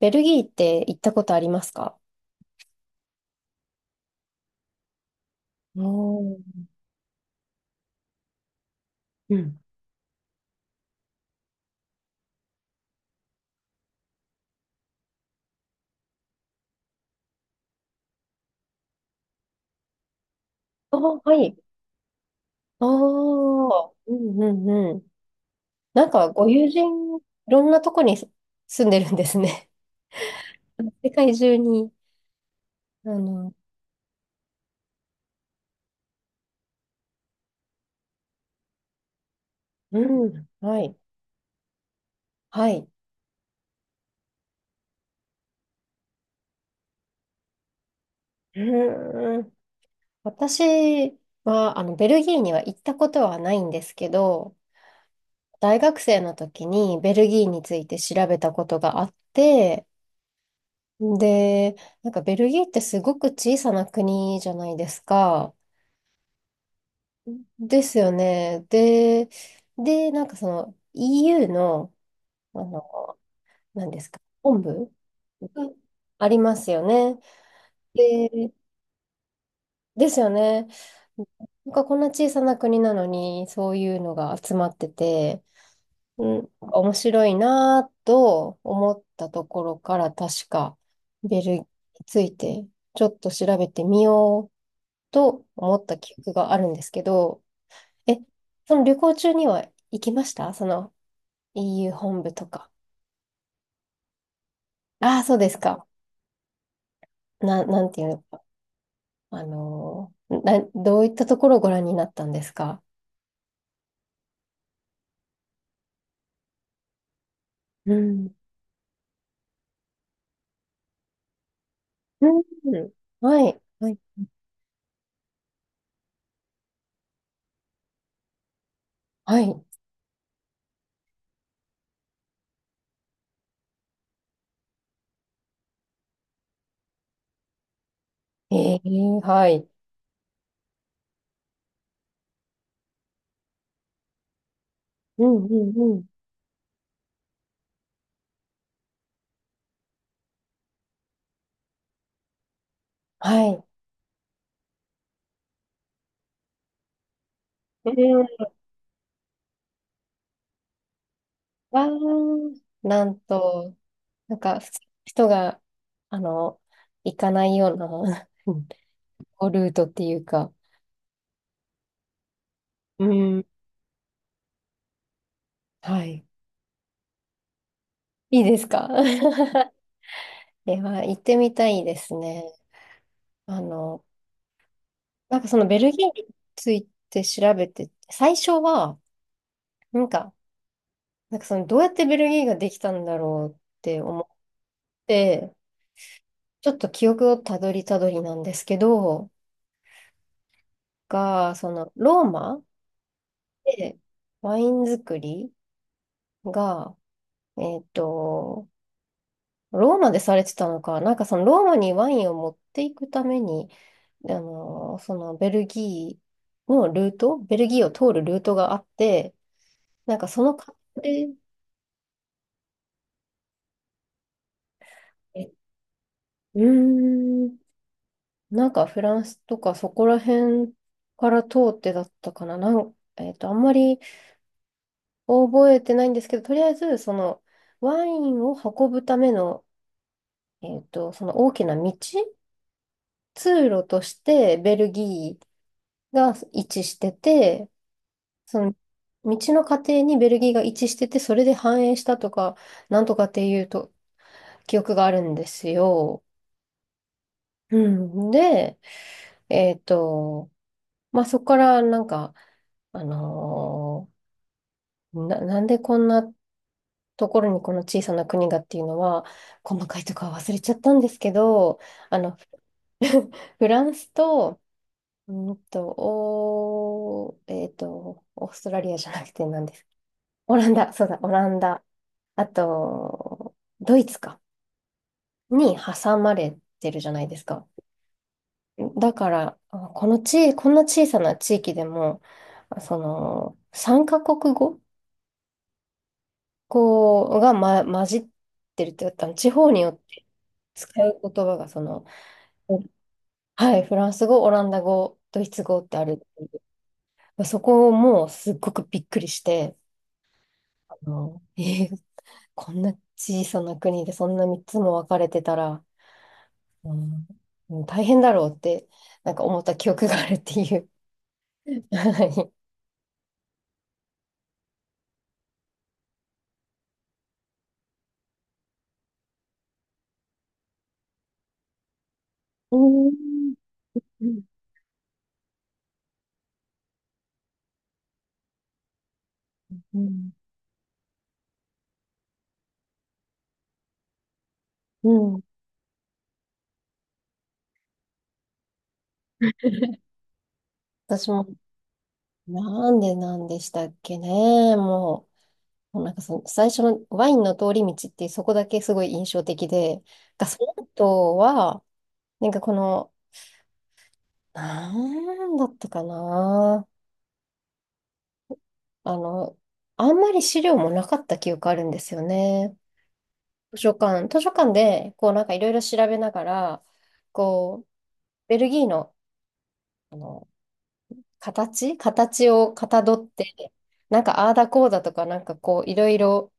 ベルギーって行ったことありますか？おー。うん。あーはい。ああ、うんうんうん。なんか、ご友人、いろんなとこに住んでるんですね。世界中に。あの、うん、はい。はい。うーん。私は、あの、ベルギーには行ったことはないんですけど、大学生の時にベルギーについて調べたことがあって、で、なんかベルギーってすごく小さな国じゃないですか。ですよね。で、で、なんかその EU の、あの、何ですか、本部がありますよね。で、ですよね。なんかこんな小さな国なのに、そういうのが集まってて、うん、面白いなぁと思ったところから、確かベルギーについてちょっと調べてみようと思った記憶があるんですけど、え、その旅行中には行きましたその EU 本部とか？ああ、そうですか。なんていうのか。あのーな、どういったところをご覧になったんですか？うん。うん。はい。はい。はい。えー、はい。うんうんうん。はい。えー、わー、なんと、なんか、普通の人が、あの、行かないような ルートっていうか、うん。はい。いいですか？で は、行ってみたいですね。あの、なんかそのベルギーについて調べて、最初は、なんか、なんかそのどうやってベルギーができたんだろうって思って、ちょっと記憶をたどりたどりなんですけど、が、そのローマでワイン作りが、えっと、ローマでされてたのか、なんかそのローマにワインを持っていくために、そのベルギーのルート、ベルギーを通るルートがあって、なんかその過程で、うーん、なんかフランスとかそこら辺から通ってだったかな、あんまり覚えてないんですけど、とりあえずそのワインを運ぶための、その大きな道、通路としてベルギーが位置してて、その道の過程にベルギーが位置してて、それで繁栄したとかなんとかっていうと記憶があるんですよ。うん、で、えっと、そこからなんか、あのなんでこんなところにこの小さな国がっていうのは、細かいとかは忘れちゃったんですけど、あの、フランスと、うんと、おー、えっと、オーストラリアじゃなくて何です？オランダ、そうだ、オランダ。あと、ドイツか、に挟まれてるじゃないですか。だから、あこのち、こんな小さな地域でも、その、3カ国語こうが、ま、混じってるって言ったの、地方によって使う言葉が、その、はい、フランス語、オランダ語、ドイツ語ってある。そこをもうすっごくびっくりして、あのえーこんな小さな国でそんな3つも分かれてたら、うんうん大変だろうって、なんか思った記憶があるっていう。はい。うん。うん。うん。私も、なんでなんでしたっけね。もうなんかその最初のワインの通り道ってそこだけすごい印象的で、がその後は、なんかこの、なんだったかな。あの、あんまり資料もなかった記憶あるんですよね。図書館で、こうなんかいろいろ調べながら、こう、ベルギーの形をかたどって、なんかああだこうだとか、なんかこういろいろ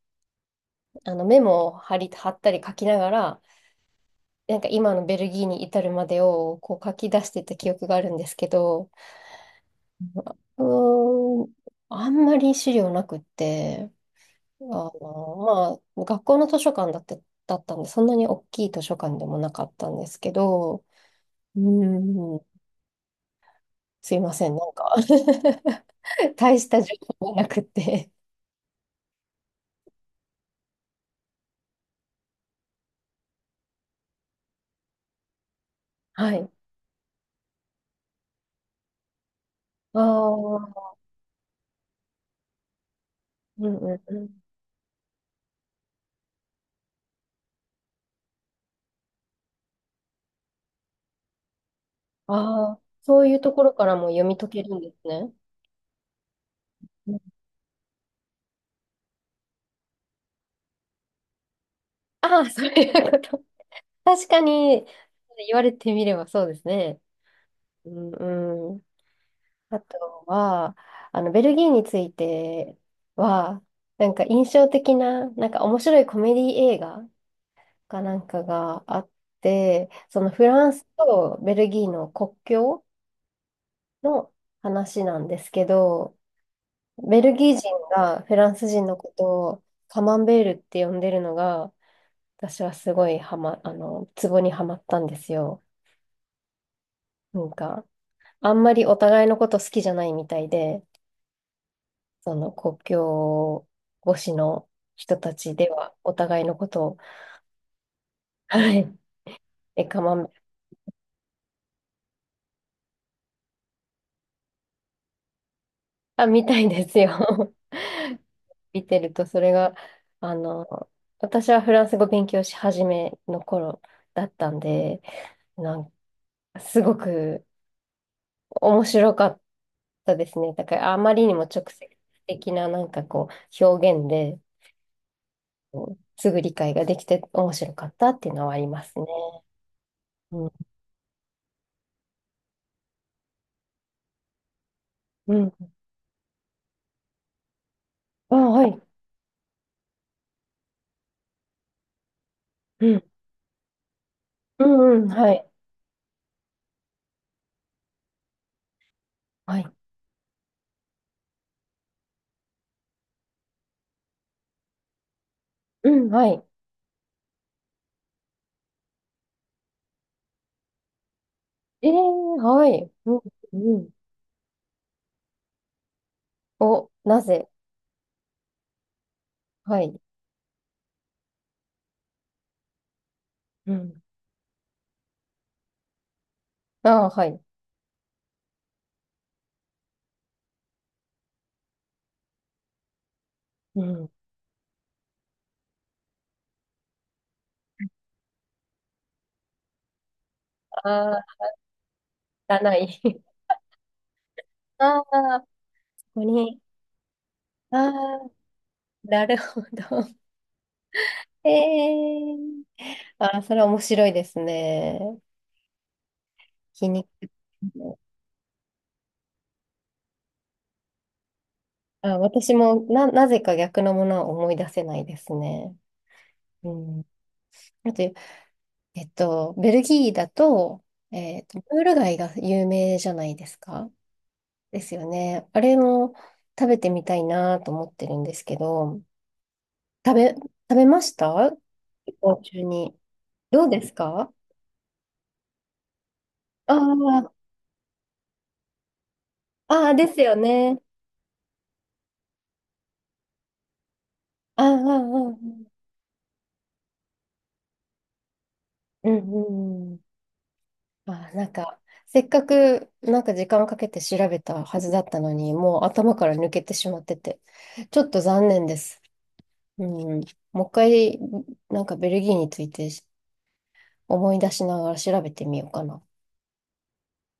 あのメモを貼ったり書きながら、なんか今のベルギーに至るまでをこう書き出してた記憶があるんですけど、うーん、あんまり資料なくって、あの、まあ、学校の図書館だって、だったんで、そんなに大きい図書館でもなかったんですけど、うーん、すいません、なんか 大した情報がなくって。はい。ああ、うんうんうん。ああ、そういうところからも読み解けるんですね。ああー、そういうこと。確かに、言われてみればそうですね。うんうん。あとは、あの、ベルギーについては、なんか印象的な、なんか面白いコメディ映画かなんかがあって、そのフランスとベルギーの国境の話なんですけど、ベルギー人がフランス人のことをカマンベールって呼んでるのが、私はすごいハマ、あの、ツボにはまったんですよ。なんか、あんまりお互いのこと好きじゃないみたいで、その国境越しの人たちではお互いのことを、はい、え、カマンベール、あ、みたいですよ。見てると、それが、あの、私はフランス語勉強し始めの頃だったんで、なんかすごく面白かった。そうですね。だからあまりにも直接的ななんかこう表現ですぐ理解ができて面白かったっていうのはありますね。うん。うん。あ、はい。うん。うんうん。はい。はい。うん。はい。ええはい。うん。うん。お、なぜ？はい。うん。あ、はい。うん。ああ、汚い。ああ、ここに。ああ、なるほど。ええ。ああ、それは面白いですね。皮肉。あ、私もなぜか逆のものは思い出せないですね。うん。あと、えっと、ベルギーだと、えっと、ムール貝が有名じゃないですか。ですよね。あれも食べてみたいなと思ってるんですけど、食べました旅行中に？どうですか？ああー、あーですよね。ああ、あーあー、うんうんうん。まあ、なんか、せっかく、なんか時間かけて調べたはずだったのに、もう頭から抜けてしまってて、ちょっと残念です。うん。もう一回、なんかベルギーについて思い出しながら調べてみようかな。